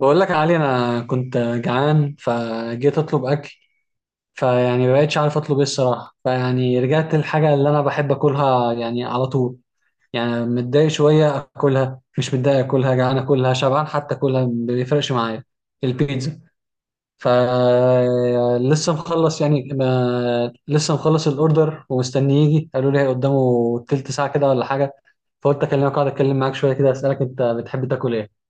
بقول لك يا علي، انا كنت جعان فجيت اطلب اكل. فيعني ما بقتش عارف اطلب ايه الصراحه. فيعني رجعت للحاجه اللي انا بحب اكلها يعني على طول. يعني متضايق شويه اكلها، مش متضايق اكلها، جعان اكلها، شبعان حتى اكلها، ما بيفرقش معايا. البيتزا. ف لسه مخلص يعني ما... لسه مخلص الاوردر ومستني يجي. قالوا لي قدامه تلت ساعه كده ولا حاجه. فقلت اكلمك اقعد اتكلم معاك شويه كده اسالك انت بتحب تاكل ايه.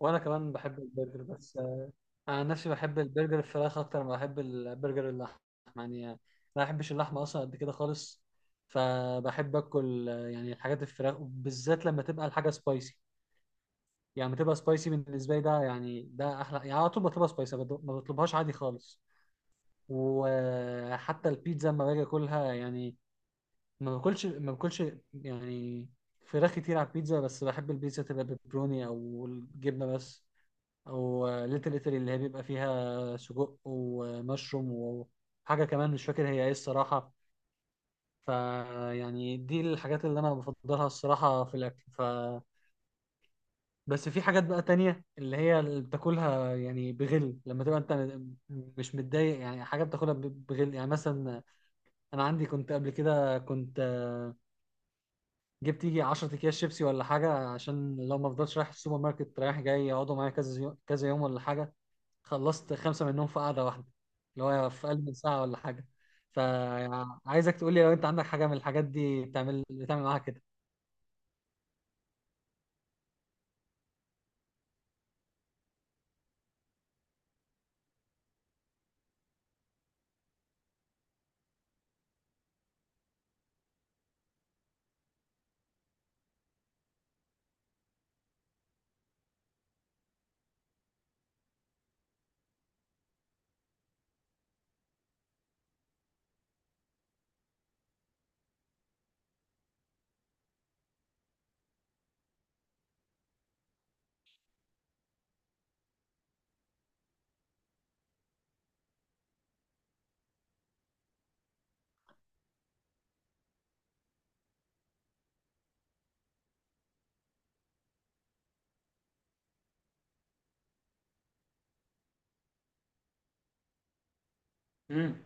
وانا كمان بحب البرجر بس. انا عن نفسي بحب البرجر الفراخ اكتر ما بحب البرجر اللحم. يعني انا ما بحبش اللحمه اصلا قد كده خالص. فبحب اكل يعني الحاجات الفراخ بالذات لما تبقى الحاجه سبايسي. يعني لما تبقى سبايسي بالنسبه لي ده يعني ده احلى. يعني على طول بطلبها سبايسي، ما بطلبهاش عادي خالص. وحتى البيتزا لما باجي اكلها يعني ما باكلش ما باكلش يعني فراخ كتير على البيتزا. بس بحب البيتزا تبقى بيبروني او الجبنه بس، او ليتل ايطالي اللي هي بيبقى فيها سجق ومشروم وحاجه كمان مش فاكر هي ايه الصراحه. فيعني دي الحاجات اللي انا بفضلها الصراحه في الاكل. بس في حاجات بقى تانية اللي هي اللي بتاكلها يعني بغل لما تبقى مش متضايق، يعني حاجة بتاكلها بغل. يعني مثلا انا عندي كنت قبل كده، كنت جبت يجي 10 اكياس شيبسي ولا حاجة عشان لو ما افضلش رايح السوبر ماركت رايح جاي، يقعدوا معايا كذا كذا يوم ولا حاجة. خلصت خمسة منهم في قعدة واحدة، اللي هو في أقل من ساعة ولا حاجة. فعايزك تقول لي لو أنت عندك حاجة من الحاجات دي بتعمل معاها كده. مم.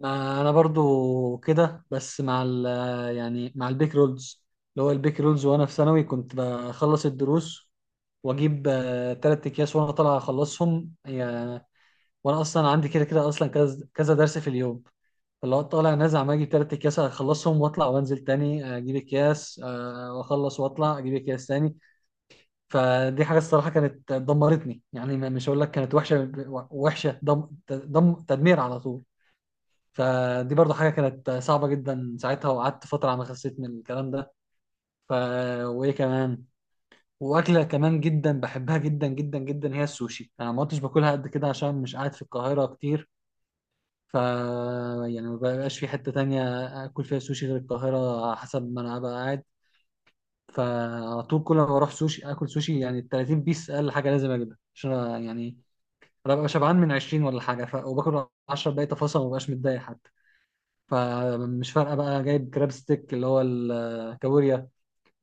ما أنا برضو كده بس مع يعني مع البيك رولز. اللي هو البيك رولز وأنا في ثانوي كنت بخلص الدروس وأجيب تلات أكياس وأنا طالع أخلصهم. وانا اصلا عندي كده كده اصلا كذا كذا درس في اليوم. فاللي هو طالع نازل عمال اجيب تلات اكياس اخلصهم واطلع وانزل تاني، اجيب اكياس، واخلص واطلع اجيب اكياس تاني. فدي حاجه الصراحه كانت دمرتني، يعني مش هقول لك كانت وحشه. وحشه دم دم تدمير على طول. فدي برضو حاجه كانت صعبه جدا ساعتها، وقعدت فتره على ما خسيت من الكلام ده. ف وايه كمان؟ واكله كمان جدا بحبها جدا جدا جدا هي السوشي. انا ما كنتش باكلها قد كده عشان مش قاعد في القاهره كتير. ف يعني ما بقاش في حتة تانية آكل فيها سوشي غير القاهرة على حسب ما أنا هبقى قاعد. فعلى طول كل ما بروح سوشي آكل سوشي، يعني ال 30 بيس أقل حاجة لازم أجيبها، عشان أنا يعني أنا ببقى شبعان من 20 ولا حاجة، وباكل 10 باقي تفاصيل ما ببقاش متضايق حتى. فمش فارقة بقى جايب كراب ستيك اللي هو الكابوريا،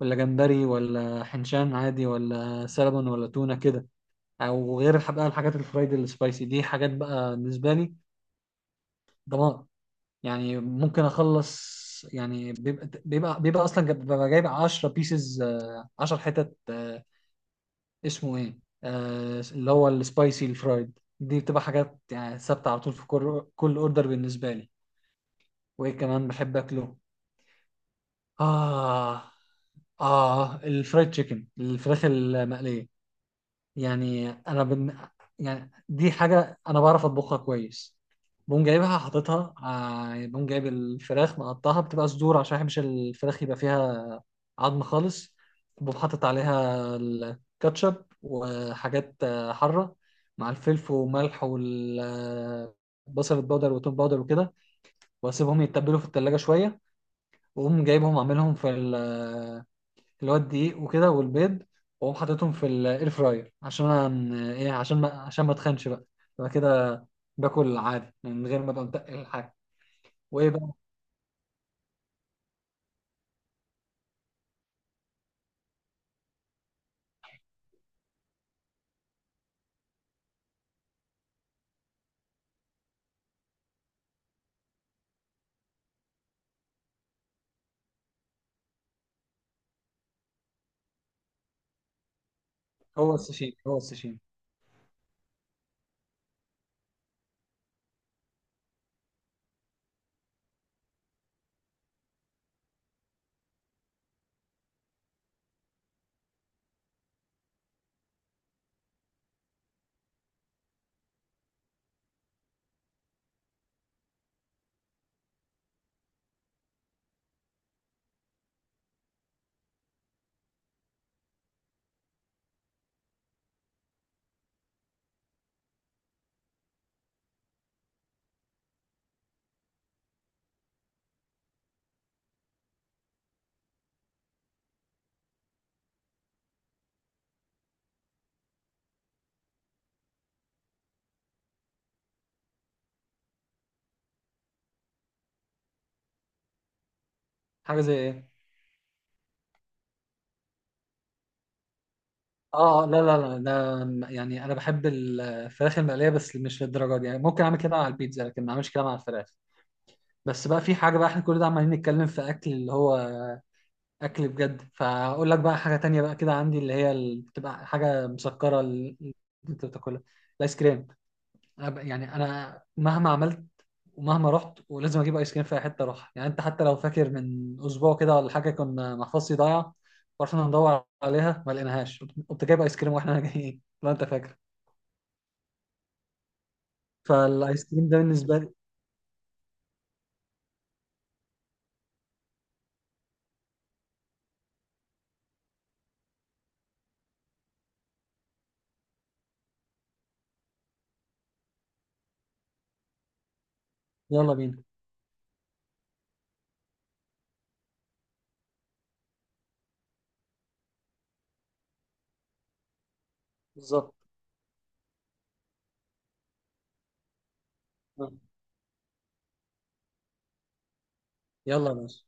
ولا جمبري، ولا حنشان عادي، ولا سلمون، ولا تونة كده. أو غير بقى الحاجات الفرايد السبايسي دي، حاجات بقى بالنسبة لي دمار. يعني ممكن اخلص يعني بيبقى اصلا ببقى جايب 10 بيسز، 10 حتت. اسمه ايه؟ اللي هو السبايسي الفرايد دي، بتبقى حاجات يعني ثابته على طول في كل اوردر بالنسبه لي. وايه كمان بحب اكله؟ اه. اه، الفرايد تشيكن، الفراخ المقليه. يعني يعني دي حاجه انا بعرف اطبخها كويس. بقوم جايب الفراخ مقطعها بتبقى صدور عشان ما بحبش الفراخ يبقى فيها عظم خالص. بقوم حاطط عليها الكاتشب وحاجات حاره، مع الفلفل وملح والبصل البودر والتوم باودر وكده. واسيبهم يتبلوا في التلاجة شويه، واقوم جايبهم اعملهم في اللي هو الدقيق وكده والبيض، واقوم حاططهم في الاير فراير عشان انا ايه، عشان ما اتخنش بقى. يبقى كده باكل عادي من غير ما ابقى متقل الحاجه. وايه بقى؟ هو السوشيمي. حاجه زي ايه؟ اه، لا، يعني انا بحب الفراخ المقليه بس مش للدرجه دي. يعني ممكن اعمل كده على البيتزا لكن ما اعملش كده مع الفراخ. بس بقى في حاجه بقى، احنا كل ده عمالين نتكلم في اكل اللي هو اكل بجد. فاقول لك بقى حاجه تانية بقى كده عندي، اللي هي بتبقى حاجه مسكره اللي انت بتاكلها: الايس كريم. يعني انا مهما عملت ومهما رحت ولازم اجيب ايس كريم في اي حته اروح. يعني انت حتى لو فاكر من اسبوع كده ولا حاجه، كنا محفظتي ضايعه ورحنا ندور عليها ما لقيناهاش، قمت جايب ايس كريم واحنا جايين، لو انت فاكر. فالايس كريم ده بالنسبه لي. يلا بينا. بالظبط. يلا يا باشا.